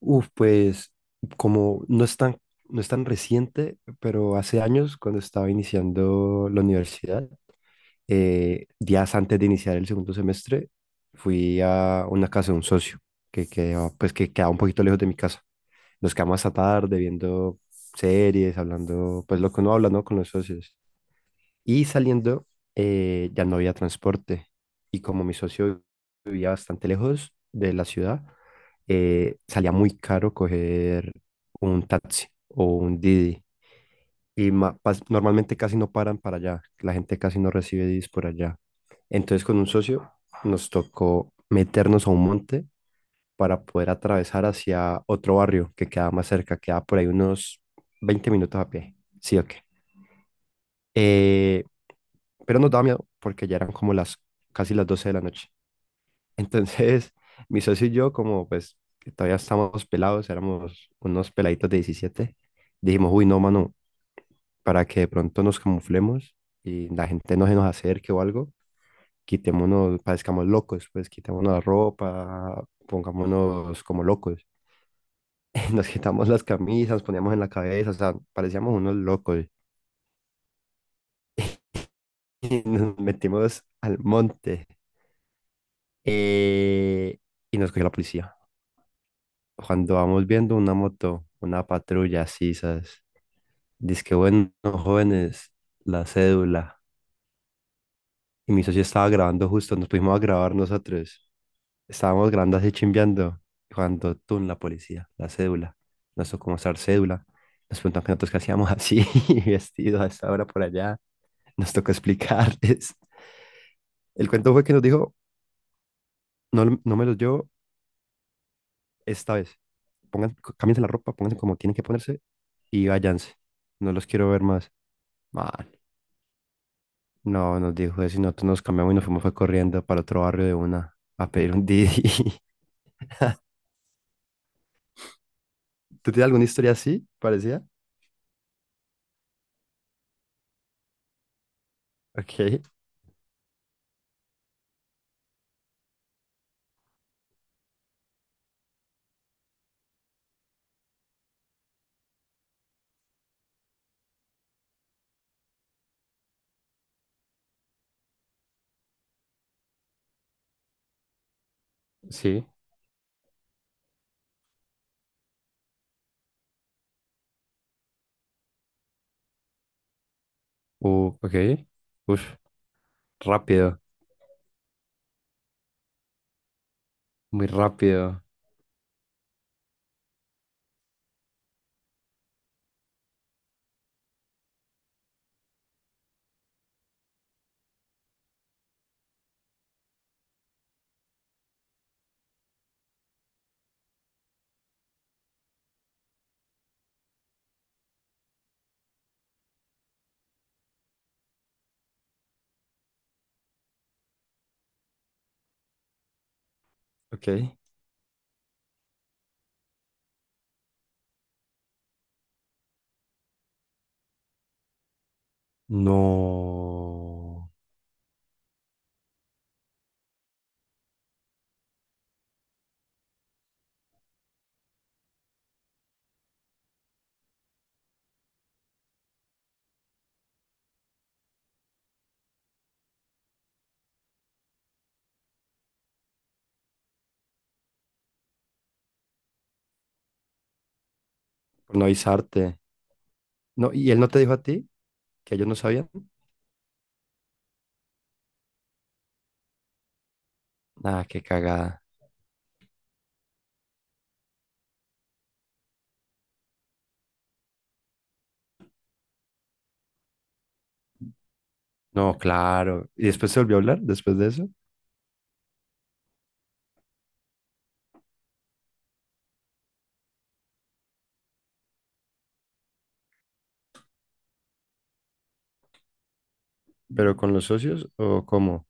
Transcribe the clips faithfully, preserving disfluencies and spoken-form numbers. Uf, pues como no es tan, no es tan reciente, pero hace años cuando estaba iniciando la universidad, eh, días antes de iniciar el segundo semestre, fui a una casa de un socio que quedaba, pues, que quedaba un poquito lejos de mi casa. Nos quedamos hasta tarde viendo series, hablando, pues lo que uno habla, ¿no? Con los socios. Y saliendo, eh, ya no había transporte. Y como mi socio vivía bastante lejos de la ciudad, eh, salía muy caro coger un taxi o un Didi. Y ma- pas- normalmente casi no paran para allá. La gente casi no recibe Didis por allá. Entonces con un socio nos tocó meternos a un monte para poder atravesar hacia otro barrio que quedaba más cerca. Quedaba por ahí unos veinte minutos a pie. Sí, ok. Eh, pero nos daba miedo porque ya eran como las casi las doce de la noche. Entonces, mi socio y yo, como pues que todavía estábamos pelados, éramos unos peladitos de diecisiete dijimos, uy, no, mano, para que de pronto nos camuflemos y la gente no se nos acerque o algo, quitémonos, parezcamos locos, pues quitémonos la ropa, pongámonos como locos. Nos quitamos las camisas, poníamos en la cabeza, o sea, parecíamos unos locos. Y nos metimos al monte eh, y nos cogió la policía. Cuando vamos viendo una moto, una patrulla, así, ¿sabes? Dice que bueno, jóvenes, la cédula. Y mi socio estaba grabando justo, nos pusimos a grabar nosotros. Estábamos grabando así chimbeando. Y cuando tú, la policía, la cédula. Nos tocó mostrar cédula. Nos preguntan que nosotros qué hacíamos así, vestidos a esta hora por allá. Nos tocó explicarles. El cuento fue que nos dijo, no, lo- no me los llevo esta vez. Pongan, cámbiense la ropa, pónganse como tienen que ponerse y váyanse. No los quiero ver más. No, nos dijo eso y nosotros nos cambiamos y nos fuimos fue corriendo para otro barrio de una a pedir un Didi. ¿Tú tienes alguna historia así? Parecía. Ok, sí. Uh, ok. Uf, rápido, muy rápido. Ok. No. Por no avisarte. No, ¿y él no te dijo a ti que ellos no sabían? Ah, qué cagada. No, claro. ¿Y después se volvió a hablar después de eso? ¿Pero con los socios o cómo?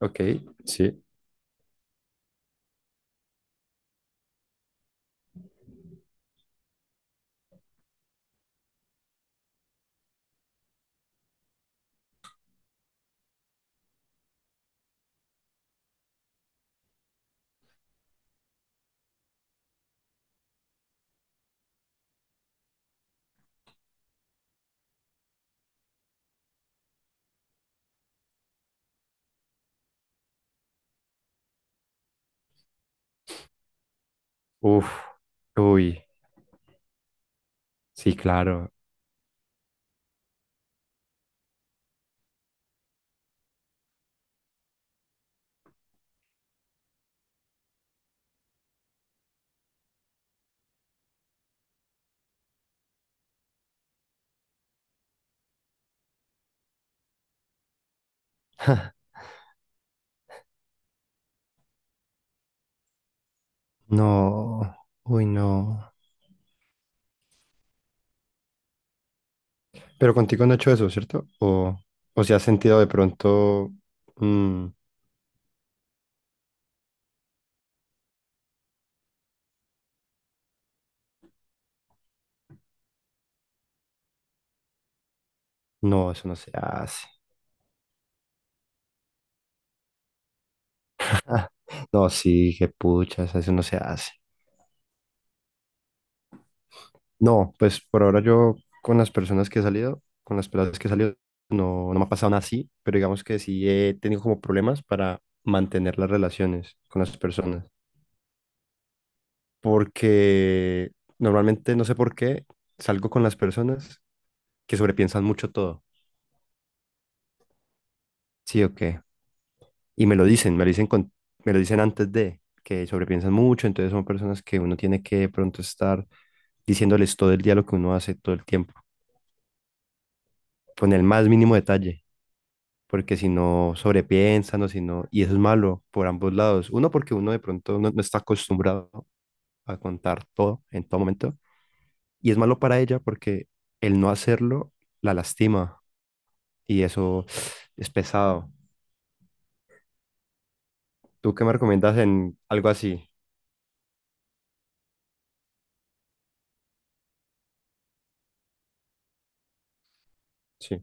Ok, sí. Uf, uy, sí, claro. No, uy, no. Pero contigo no he hecho eso, ¿cierto? O, o si has sentido de pronto, mm, no, eso no se hace. Ah, no, sí, qué puchas, eso no se hace. No, pues por ahora yo con las personas que he salido, con las personas que he salido, no, no me ha pasado nada así, pero digamos que sí he tenido como problemas para mantener las relaciones con las personas. Porque normalmente, no sé por qué, salgo con las personas que sobrepiensan mucho todo. Sí, ok. Y me lo dicen, me lo dicen con, me lo dicen antes de, que sobrepiensan mucho, entonces son personas que uno tiene que de pronto estar diciéndoles todo el día lo que uno hace todo el tiempo, con el más mínimo detalle, porque si no sobrepiensan o si no, y eso es malo por ambos lados. Uno, porque uno de pronto no, no está acostumbrado a contar todo en todo momento, y es malo para ella porque el no hacerlo la lastima y eso es pesado. ¿Tú qué me recomiendas en algo así? Sí,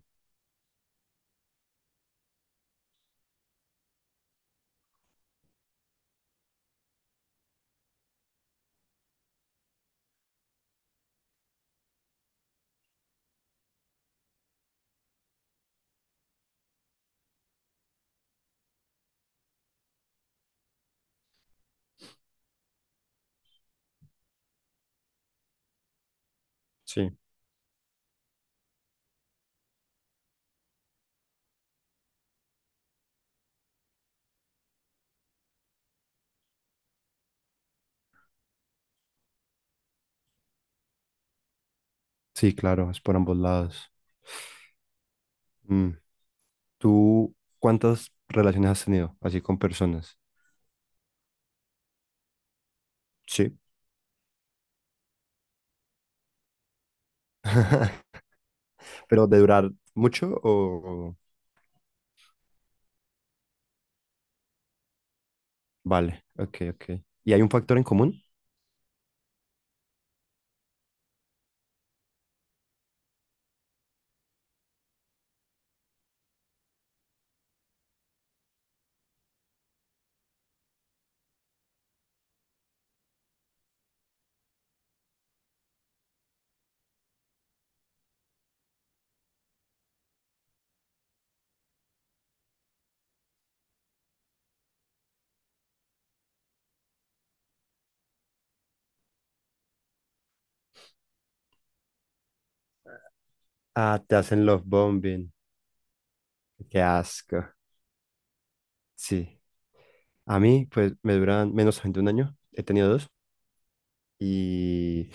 sí, sí, claro, es por ambos lados. Mm, ¿Tú cuántas relaciones has tenido así con personas? Sí, pero de durar mucho o... Vale, ok, ok. ¿Y hay un factor en común? Ah, te hacen love bombing. Qué asco. Sí. A mí, pues, me duran menos de un año. He tenido dos. Y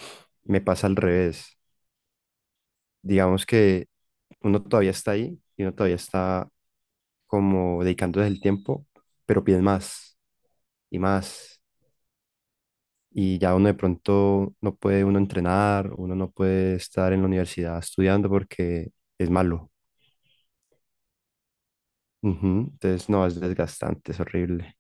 me pasa al revés. Digamos que uno todavía está ahí y uno todavía está como dedicándose el tiempo, pero piden más y más y ya uno de pronto no puede uno entrenar, uno no puede estar en la universidad estudiando porque es malo. Ujú, entonces, no, es desgastante, es horrible.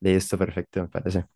Listo, perfecto, me parece.